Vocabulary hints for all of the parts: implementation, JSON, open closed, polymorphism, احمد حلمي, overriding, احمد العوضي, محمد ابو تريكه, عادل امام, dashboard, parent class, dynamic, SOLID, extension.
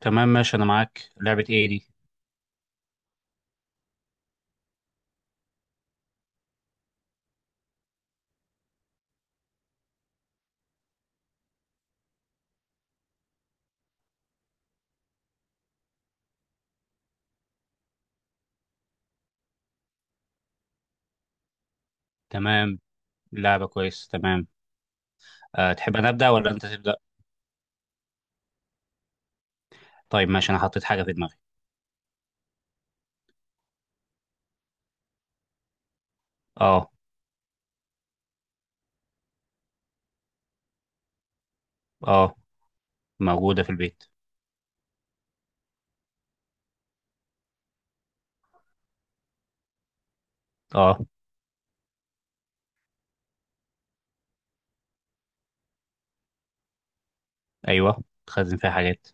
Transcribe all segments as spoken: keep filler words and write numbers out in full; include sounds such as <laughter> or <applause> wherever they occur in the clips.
تمام، ماشي. انا معاك. لعبة ايه دي؟ تمام. لعبة كويس، تمام. أه، تحب انا ابدأ ولا انت تبدأ؟ طيب ماشي، انا حطيت حاجة في دماغي. اه. اه، موجودة في البيت. اه. ايوه، تخزن فيها حاجات.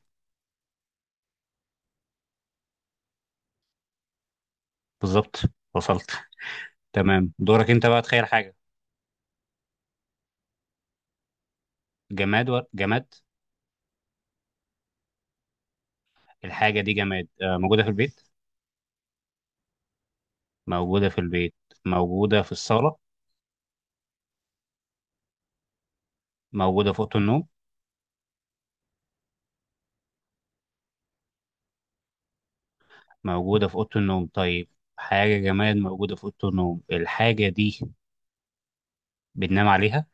بالظبط، وصلت. تمام، دورك انت بقى تخيل حاجة. جماد و... جماد. الحاجة دي جماد، أه موجودة في البيت. موجودة في البيت. موجودة في الصالة. موجودة في أوضة النوم. موجودة في أوضة النوم، طيب. حاجة جماد موجودة في أوضة النوم. الحاجة دي بننام عليها؟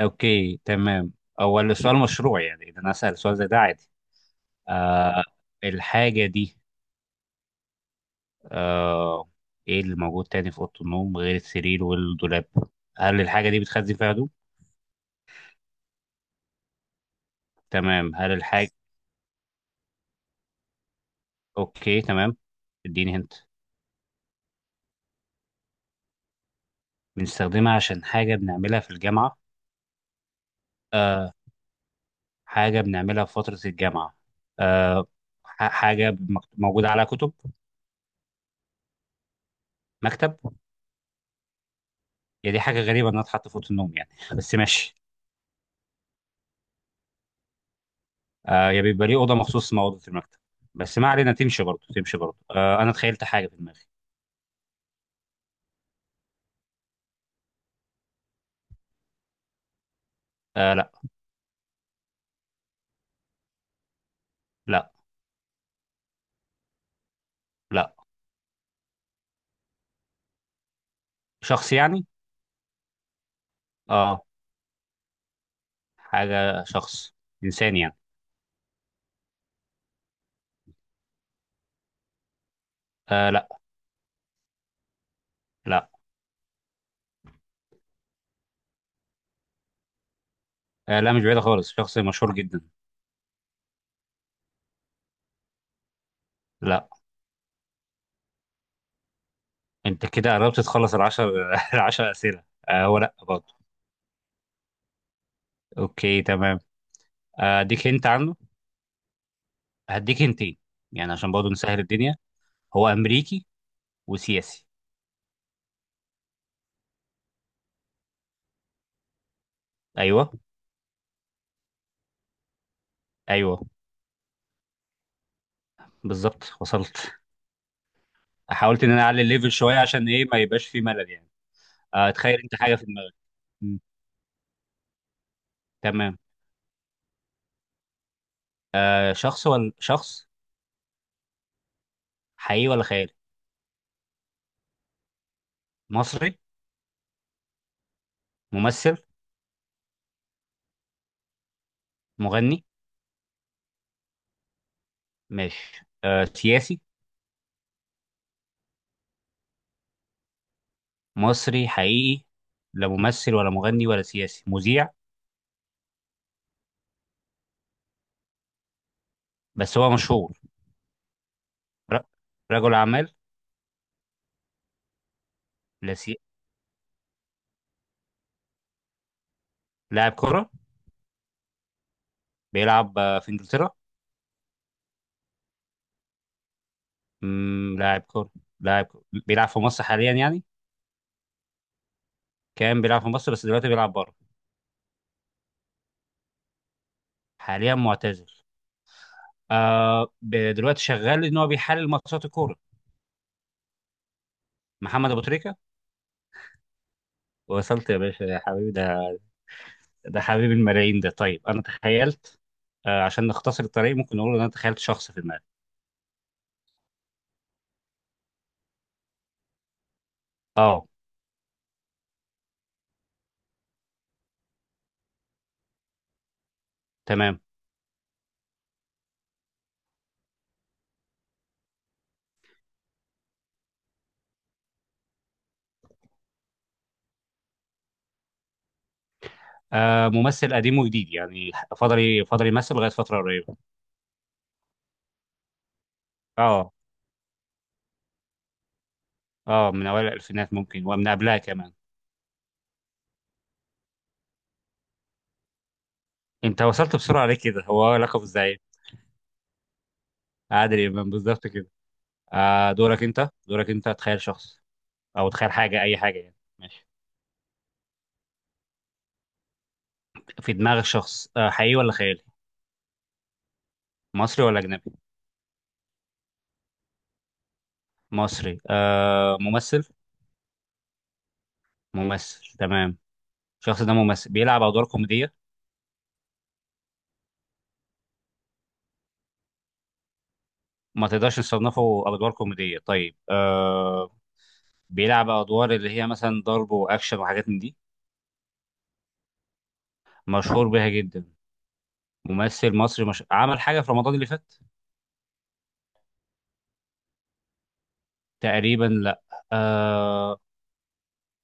اوكي تمام. هو السؤال مشروع يعني؟ اذا انا اسال سؤال زي ده عادي؟ آه. الحاجه دي آه ايه اللي موجود تاني في اوضه النوم غير السرير والدولاب؟ هل الحاجه دي بتخزن فيها هدوم؟ تمام. هل الحاجه اوكي تمام. اديني هنت. بنستخدمها عشان حاجه بنعملها في الجامعه. آه، حاجه بنعملها في فتره الجامعه. آه. ح- حاجه مكت- موجوده على كتب. مكتب. هي دي حاجه غريبه انها تتحط في اوضه النوم يعني <laughs> بس ماشي. آه، يا بيبقى ليه اوضه مخصوص اسمها اوضه المكتب؟ بس ما علينا، تمشي برضه تمشي برضه. آه، انا تخيلت حاجه في دماغي. آه، لا. لا. لا. شخص يعني. اه. حاجه شخص. انسان يعني. آه، لا. لا. آه لا، مش بعيده خالص، شخص مشهور جدا. لا. انت كده قربت تخلص العشر <laughs> العشر اسئله. آه هو لا برضه. اوكي تمام. آه، اديك انت عنه. هديك انتين. يعني عشان برضه نسهل الدنيا. هو امريكي. وسياسي. ايوه. ايوه. بالظبط، وصلت. حاولت ان انا اعلي الليفل شويه، عشان ايه ما يبقاش في ملل يعني. آه، تخيل انت حاجه في دماغك. مم. تمام. آه، شخص ولا شخص؟ حقيقي ولا خيالي؟ مصري؟ ممثل؟ مغني؟ ماشي. آه، سياسي؟ مصري حقيقي. لا ممثل ولا مغني ولا سياسي. مذيع؟ بس هو مشهور؟ ر- رجل اعمال؟ لا سي... لاعب كره؟ بيلعب آه، في انجلترا؟ مم، لاعب كره. لاعب كرة بيلعب في مصر حاليا يعني؟ كان بيلعب في مصر بس دلوقتي بيلعب بره؟ حاليا معتزل. آه ب- دلوقتي شغال ان هو بيحلل ماتشات الكوره. محمد ابو تريكه. وصلت يا باشا، يا حبيبي ده. ده حبيب الملايين ده. طيب انا تخيلت. آه، عشان نختصر الطريق ممكن نقول ان انا تخيلت شخص في دماغي. اه. تمام. آه، ممثل قديم وجديد يعني. فضل فضل يمثل لغايه فتره قريبه. اه. اه، من اوائل الالفينات ممكن ومن قبلها كمان. انت وصلت بسرعه ليه كده؟ هو لقب الزعيم. عادل امام، بالظبط كده. آه، دورك انت، دورك انت تخيل شخص. او تخيل حاجه، اي حاجه يعني، ماشي. في دماغ الشخص آه، حقيقي ولا خيالي؟ مصري ولا أجنبي؟ مصري. آه، ممثل؟ ممثل، تمام. الشخص ده ممثل بيلعب أدوار كوميدية؟ ما تقدرش تصنفه أدوار كوميدية؟ طيب. آه، بيلعب أدوار اللي هي مثلا ضرب وأكشن وحاجات من دي؟ مشهور بيها جدا؟ ممثل مصري، مش... عمل حاجة في رمضان اللي فات؟ تقريبا لا. آه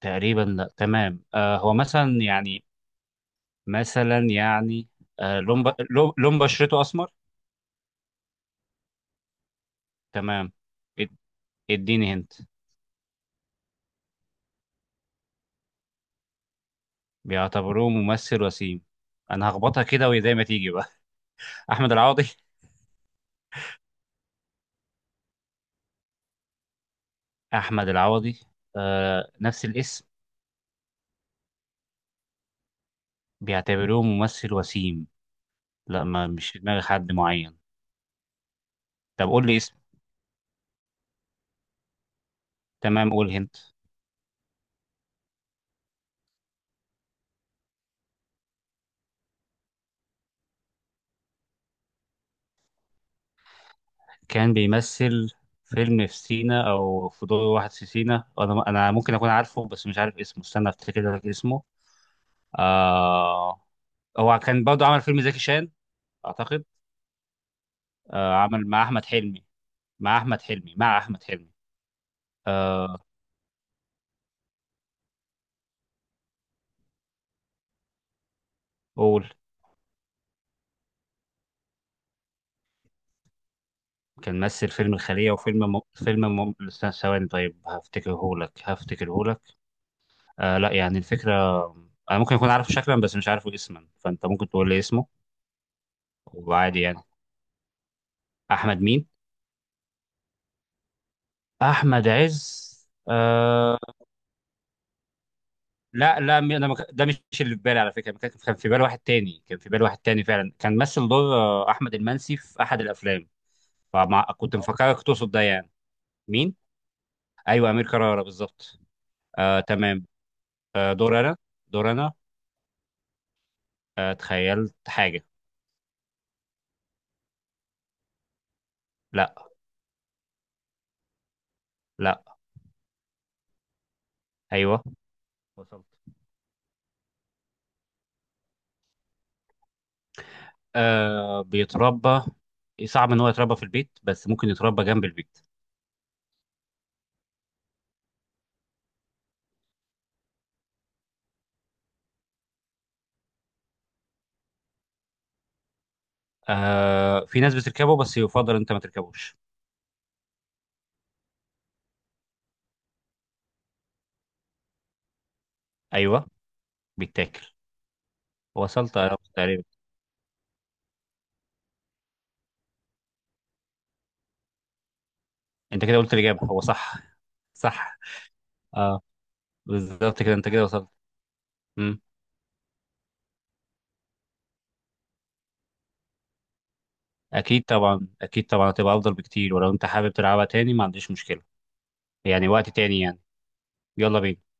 تقريبا لا، تمام. آه هو مثلا يعني، مثلا يعني. آه، لون ب... لون لون بشرته أسمر. تمام. اد- اديني هنت. بيعتبروه ممثل وسيم؟ انا هخبطها كده وهي زي ما تيجي بقى. <laughs> احمد العوضي؟ احمد العوضي. آه، نفس الاسم. بيعتبروه ممثل وسيم. لا، ما مش في دماغي حد معين. طب قول لي اسم. تمام، قول هنت. كان بيمثل فيلم في سينا او في دور واحد في سينا، انا انا ممكن اكون عارفه بس مش عارف اسمه. استنى افتكر لك اسمه. آه. هو كان برضه عمل فيلم زكي شان، اعتقد. آه، عمل مع احمد حلمي. مع احمد حلمي مع احمد حلمي آه، قول. كان مثل فيلم الخلية وفيلم م... فيلم م... استنى ثواني. طيب هفتكرهولك هفتكرهولك آه لا، يعني الفكرة، أنا ممكن أكون عارفه شكلا بس مش عارفه اسما فأنت ممكن تقول لي اسمه. وعادي يعني. أحمد مين؟ أحمد عز. آه لا لا، م- أنا مك... ده مش اللي في بالي على فكرة، كان كان في بالي واحد تاني، كان في بالي واحد تاني فعلا، كان مثل دور آه، أحمد المنسي في أحد الأفلام. فمع... كنت مفكرك تقصد ده يعني. مين؟ أيوه أمير كرارة، بالظبط. آه تمام. آه، دور أنا. دور أنا. آه، تخيلت حاجة. لا. لا. أيوه. وصلت. آه، بيتربى. صعب إن هو يتربى في البيت بس ممكن يتربى جنب البيت. آه، في ناس بتركبه بس يفضل أنت ما تركبوش. أيوه. بيتاكل. وصلت أنا تقريبا. أنت كده قلت الإجابة، هو صح. <laughs> صح. اه. بالظبط كده، أنت كده وصلت. مم. أكيد طبعا، أكيد طبعا هتبقى أفضل بكتير، ولو أنت حابب تلعبها تاني ما عنديش مشكلة. يعني وقت تاني يعني. يلا بينا.